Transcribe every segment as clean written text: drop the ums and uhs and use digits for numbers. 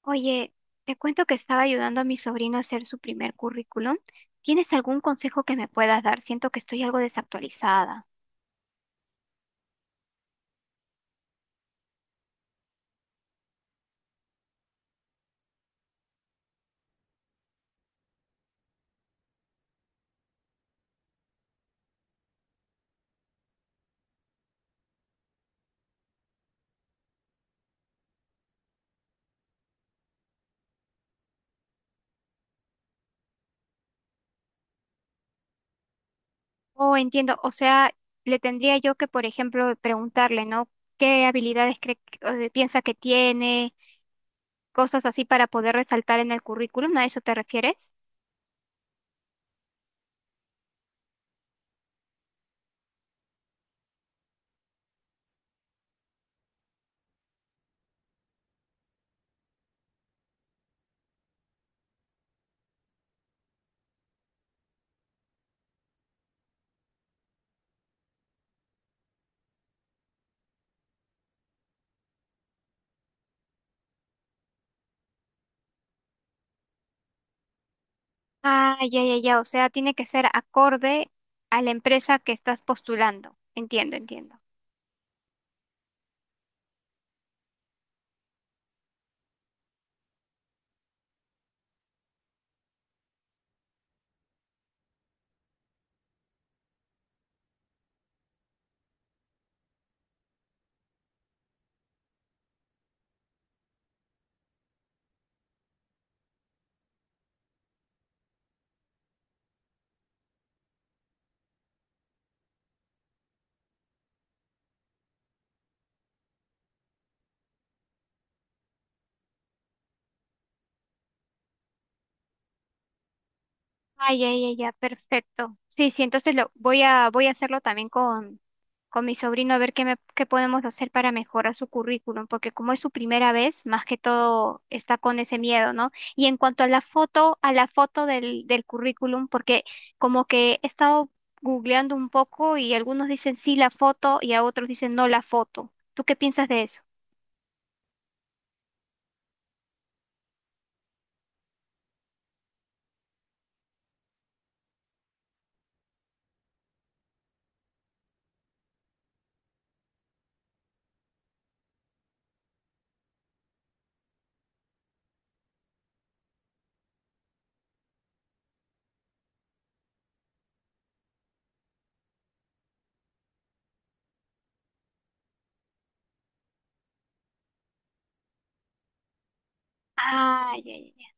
Oye, te cuento que estaba ayudando a mi sobrino a hacer su primer currículum. ¿Tienes algún consejo que me puedas dar? Siento que estoy algo desactualizada. Oh, entiendo. O sea, le tendría yo que, por ejemplo, preguntarle, ¿no? ¿Qué habilidades cree, piensa que tiene? Cosas así para poder resaltar en el currículum. ¿A eso te refieres? Ah, ya, ya, ya. O sea, tiene que ser acorde a la empresa que estás postulando. Entiendo, entiendo. Ay, ay, ay, ya, perfecto. Sí, sí, entonces lo voy a hacerlo también con mi sobrino a ver qué me, qué podemos hacer para mejorar su currículum, porque como es su primera vez, más que todo está con ese miedo, ¿no? Y en cuanto a la foto, a la foto del currículum, porque como que he estado googleando un poco y algunos dicen sí la foto y a otros dicen no la foto. ¿Tú qué piensas de eso? Ay, ay, ay.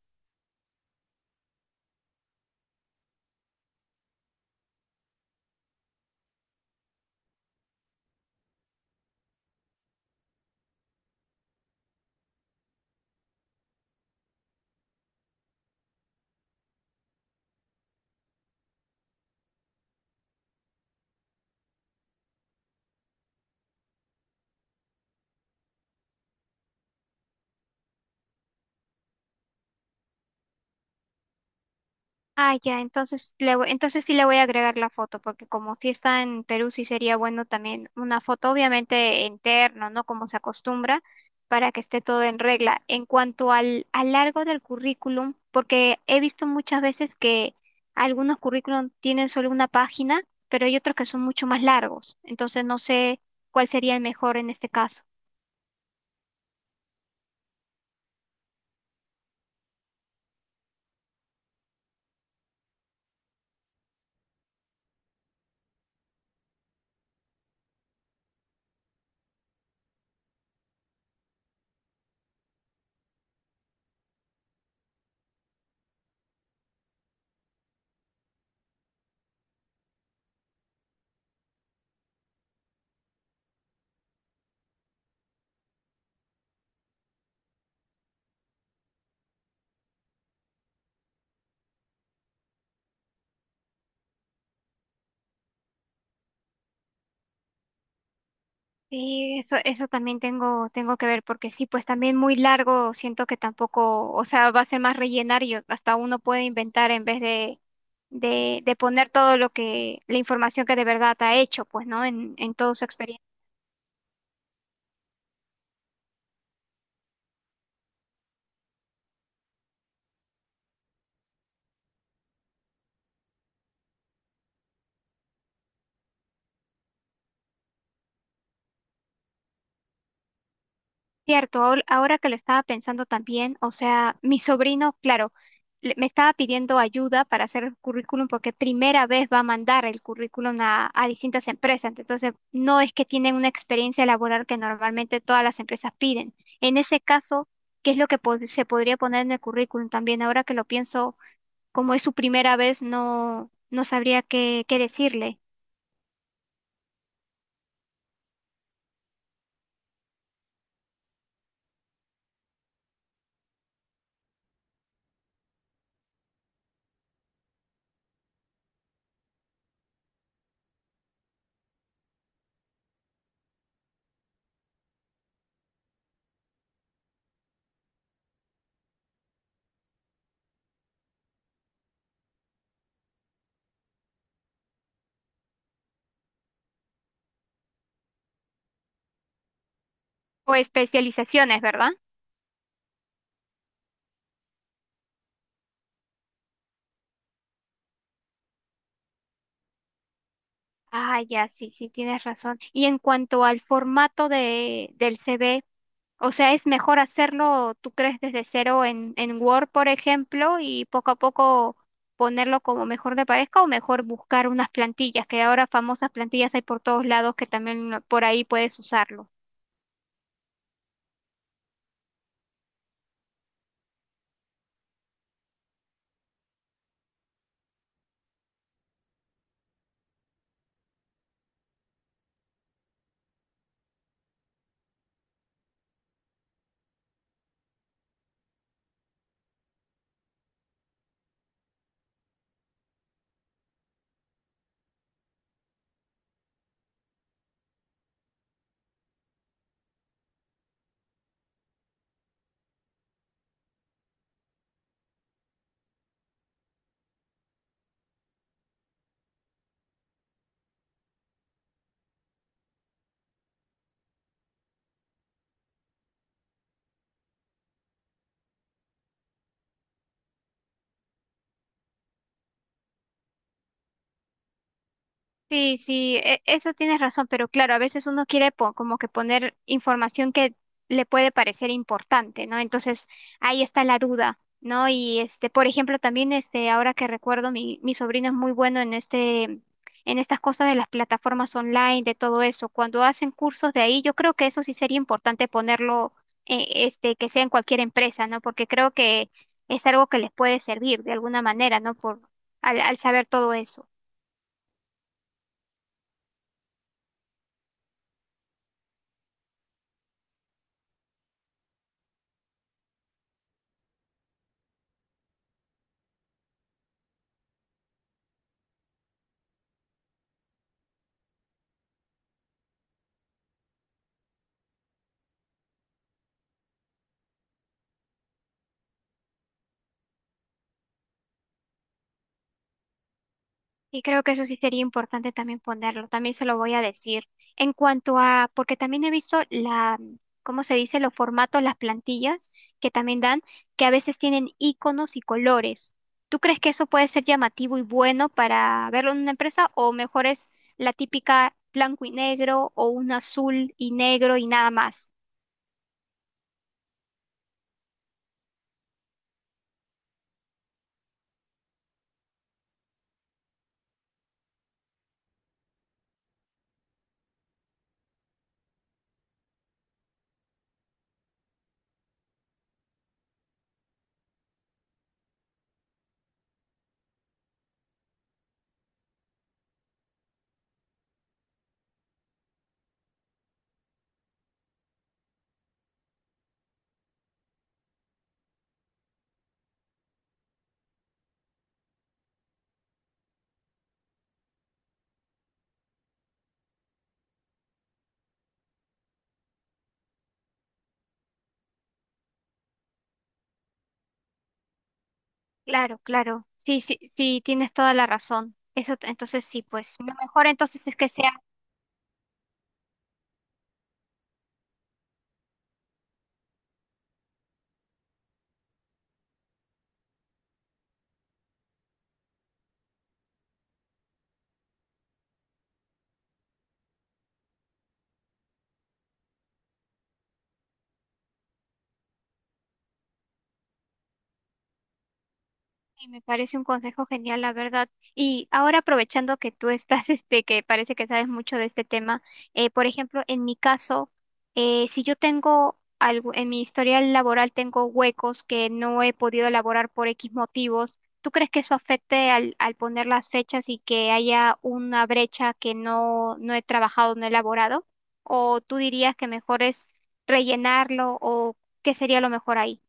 Ah, ya, entonces sí le voy a agregar la foto, porque como sí está en Perú, sí sería bueno también una foto, obviamente interno, ¿no? Como se acostumbra, para que esté todo en regla. En cuanto al largo del currículum, porque he visto muchas veces que algunos currículum tienen solo una página, pero hay otros que son mucho más largos. Entonces no sé cuál sería el mejor en este caso. Sí, eso también tengo que ver, porque sí, pues también muy largo, siento que tampoco, o sea, va a ser más rellenar y hasta uno puede inventar en vez de poner todo lo que, la información que de verdad ha hecho, pues, ¿no? En toda su experiencia. Cierto, ahora que lo estaba pensando también, o sea, mi sobrino, claro, me estaba pidiendo ayuda para hacer el currículum porque primera vez va a mandar el currículum a distintas empresas, entonces no es que tienen una experiencia laboral que normalmente todas las empresas piden. En ese caso, ¿qué es lo que se podría poner en el currículum también? Ahora que lo pienso, como es su primera vez, no, no sabría qué, qué decirle. O especializaciones, ¿verdad? Ah, ya, sí, sí, tienes razón. Y en cuanto al formato de, del CV, o sea, ¿es mejor hacerlo, tú crees, desde cero en Word, por ejemplo, y poco a poco ponerlo como mejor te parezca o mejor buscar unas plantillas, que ahora famosas plantillas hay por todos lados que también por ahí puedes usarlo? Sí, sí, eso tienes razón, pero claro, a veces uno quiere como que poner información que le puede parecer importante, ¿no? Entonces ahí está la duda, ¿no? Y este, por ejemplo, también este, ahora que recuerdo, mi sobrino es muy bueno en este, en estas cosas de las plataformas online, de todo eso. Cuando hacen cursos de ahí, yo creo que eso sí sería importante ponerlo, que sea en cualquier empresa, ¿no? Porque creo que es algo que les puede servir de alguna manera, ¿no? Por, al saber todo eso. Y creo que eso sí sería importante también ponerlo, también se lo voy a decir. En cuanto a, porque también he visto la, ¿cómo se dice? Los formatos, las plantillas que también dan, que a veces tienen iconos y colores. ¿Tú crees que eso puede ser llamativo y bueno para verlo en una empresa o mejor es la típica blanco y negro o un azul y negro y nada más? Claro, claro. Sí, sí, sí, tienes toda la razón. Eso, entonces sí, pues lo mejor entonces es que sea. Y me parece un consejo genial, la verdad. Y ahora aprovechando que tú estás, este, que parece que sabes mucho de este tema, por ejemplo, en mi caso, si yo tengo algo, en mi historial laboral tengo huecos que no he podido elaborar por X motivos, ¿tú crees que eso afecte al poner las fechas y que haya una brecha que no he trabajado, no he elaborado? ¿O tú dirías que mejor es rellenarlo o qué sería lo mejor ahí?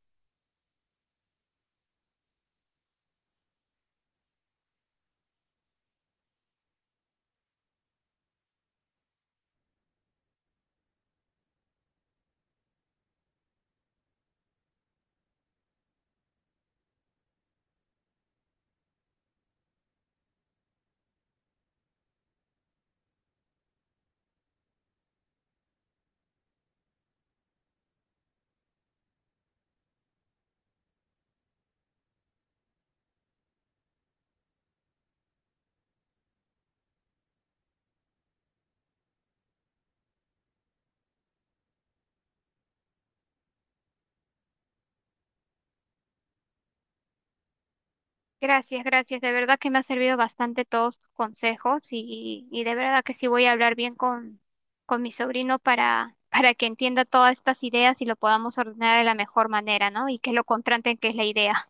Gracias, gracias. De verdad que me ha servido bastante todos tus consejos y de verdad que sí voy a hablar bien con mi sobrino para, para que entienda todas estas ideas y lo podamos ordenar de la mejor manera, ¿no? Y que lo contraten, que es la idea.